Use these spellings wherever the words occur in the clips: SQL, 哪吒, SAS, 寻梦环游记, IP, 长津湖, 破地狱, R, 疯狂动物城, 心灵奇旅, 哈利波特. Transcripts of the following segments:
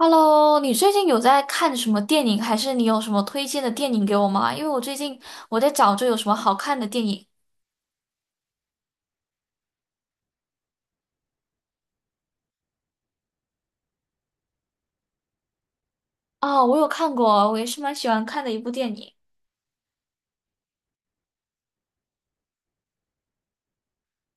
Hello，你最近有在看什么电影，还是你有什么推荐的电影给我吗？因为我最近在找着有什么好看的电影啊，我有看过，我也是蛮喜欢看的一部电影。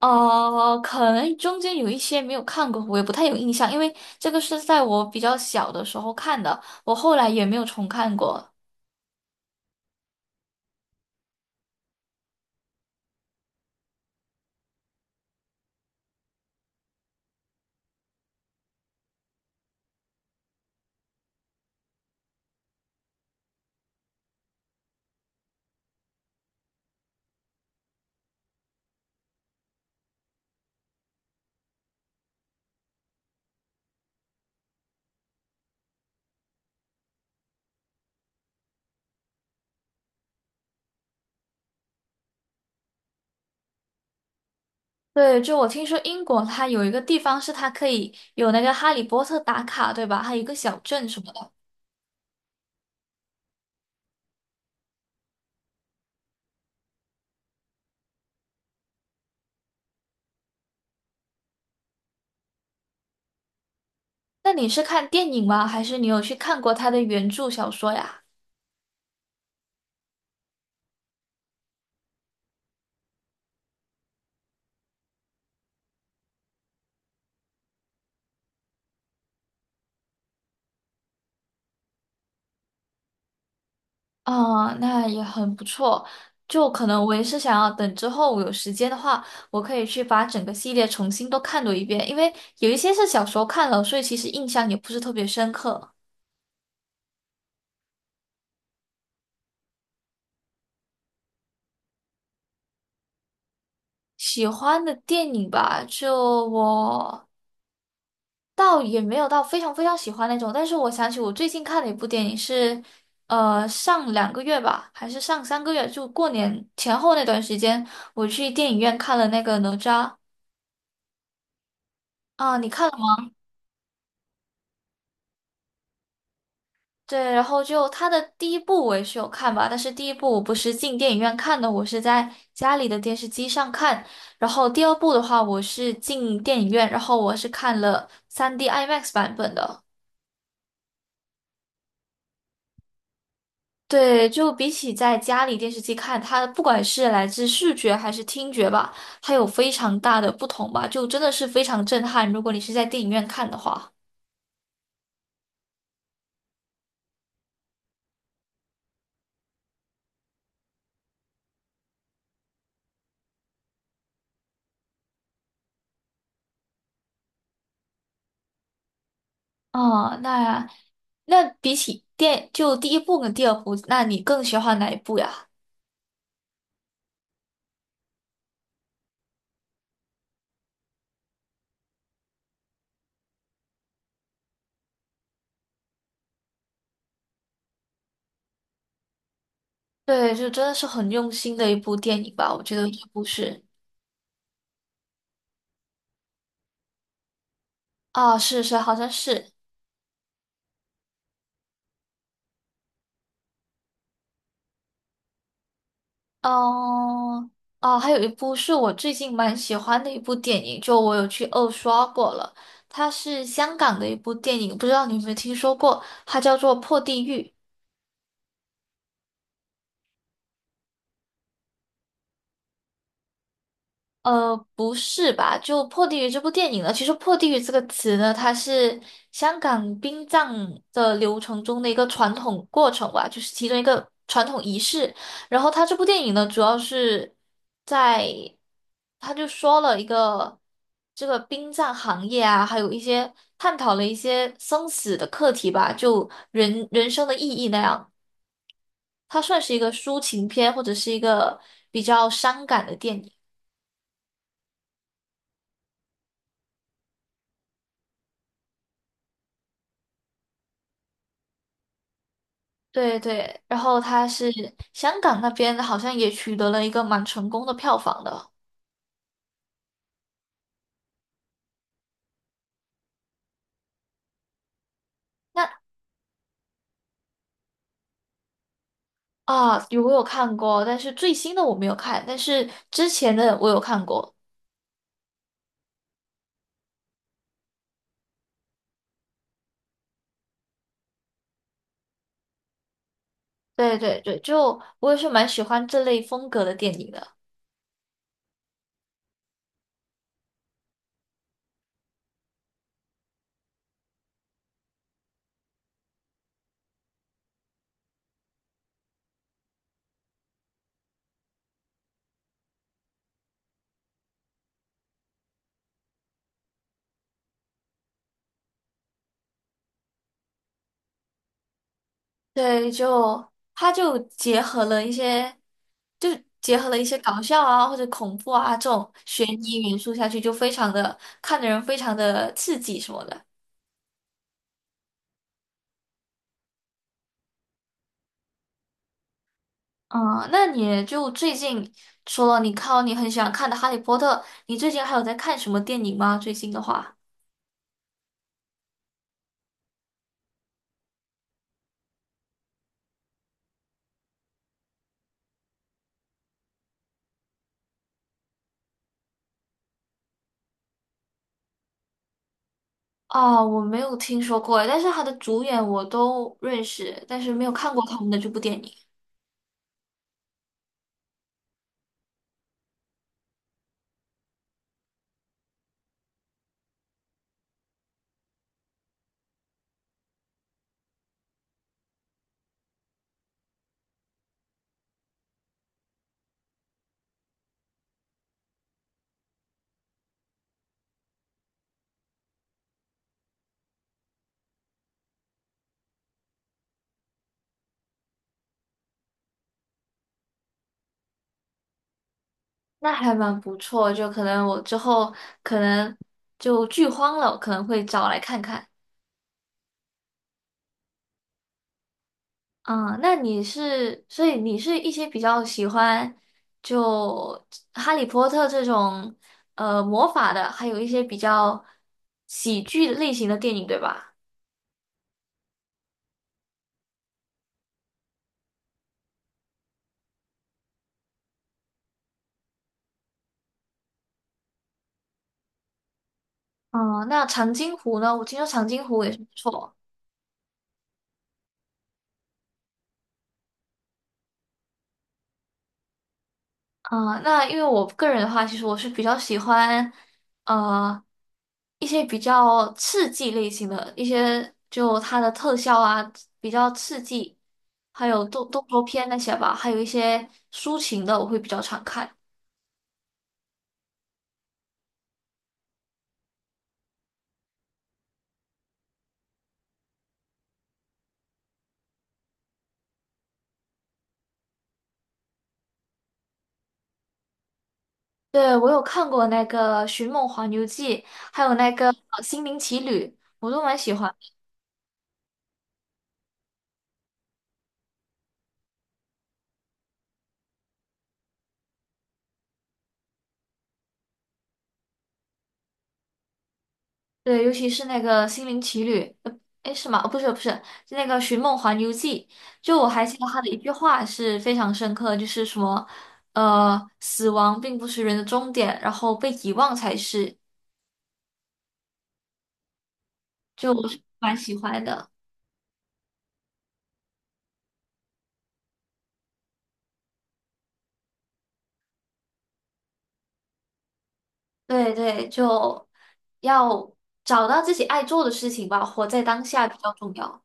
可能中间有一些没有看过，我也不太有印象，因为这个是在我比较小的时候看的，我后来也没有重看过。对，就我听说英国它有一个地方是它可以有那个哈利波特打卡，对吧？还有一个小镇什么的。那你是看电影吗？还是你有去看过它的原著小说呀？啊，那也很不错。就可能我也是想要等之后我有时间的话，我可以去把整个系列重新都看多一遍，因为有一些是小时候看了，所以其实印象也不是特别深刻。喜欢的电影吧，就我倒也没有到非常喜欢那种，但是我想起我最近看的一部电影是，上两个月吧，还是上三个月，就过年前后那段时间，我去电影院看了那个哪吒啊，你看？了？对，然后就它的第一部我也是有看吧，但是第一部我不是进电影院看的，我是在家里的电视机上看。然后第二部的话，我是进电影院，然后我是看了 3D IMAX 版本的。对，就比起在家里电视机看，它不管是来自视觉还是听觉吧，它有非常大的不同吧，就真的是非常震撼。如果你是在电影院看的话，哦，那那比起电就第一部跟第二部，那你更喜欢哪一部呀？对，就真的是很用心的一部电影吧，我觉得这部是啊，是是，好像是，嗯，啊，还有一部是我最近蛮喜欢的一部电影，就我有去二刷过了，它是香港的一部电影，不知道你有没有听说过，它叫做《破地狱》。不是吧？就《破地狱》这部电影呢，其实“破地狱”这个词呢，它是香港殡葬的流程中的一个传统过程吧，就是其中一个传统仪式。然后它这部电影呢，主要是在，他就说了一个这个殡葬行业啊，还有一些探讨了一些生死的课题吧，就人生的意义那样。它算是一个抒情片，或者是一个比较伤感的电影。对对，然后他是香港那边好像也取得了一个蛮成功的票房的。那啊，有我有看过，但是最新的我没有看，但是之前的我有看过。对对对，就我也是蛮喜欢这类风格的电影的。对，就它就结合了一些，就结合了一些搞笑啊或者恐怖啊这种悬疑元素下去，就非常的看的人非常的刺激什么的。嗯，那你就最近除了你看你很喜欢看的《哈利波特》，你最近还有在看什么电影吗？最近的话，哦，我没有听说过，但是他的主演我都认识，但是没有看过他们的这部电影，那还蛮不错，就可能我之后可能就剧荒了，我可能会找来看看。嗯，那你是，所以你是一些比较喜欢就哈利波特这种魔法的，还有一些比较喜剧类型的电影，对吧？嗯，那长津湖呢？我听说长津湖也是不错。啊、那因为我个人的话，其实我是比较喜欢，呃，一些比较刺激类型的，一些就它的特效啊比较刺激，还有动作片那些吧，还有一些抒情的，我会比较常看。对，我有看过那个《寻梦环游记》，还有那个心灵奇旅》，我都蛮喜欢。对，尤其是那个《心灵奇旅》，呃，哎，是吗？哦，不是，是那个《寻梦环游记》。就我还记得他的一句话是非常深刻的，就是什么，死亡并不是人的终点，然后被遗忘才是。就我是蛮喜欢的。对对，就要找到自己爱做的事情吧，活在当下比较重要。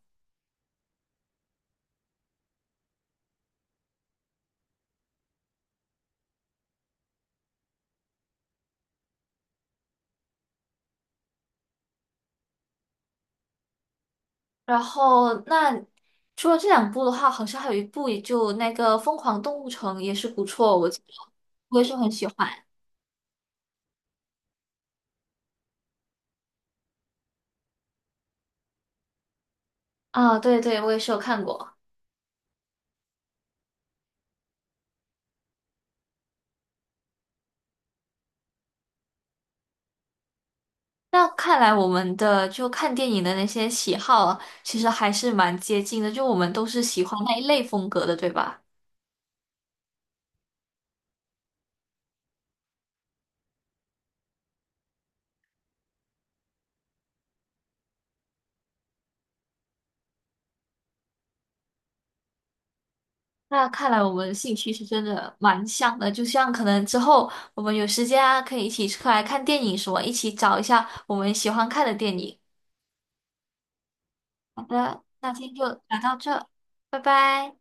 然后，那除了这两部的话，好像还有一部，也就那个《疯狂动物城》也是不错，我记得我也是很喜欢。啊，对对，我也是有看过。那看来我们的就看电影的那些喜好啊其实还是蛮接近的，就我们都是喜欢那一类风格的，对吧？那看来我们兴趣是真的蛮像的，就像可能之后我们有时间啊，可以一起出来看电影什么，一起找一下我们喜欢看的电影。好的，那今天就聊到这，拜拜。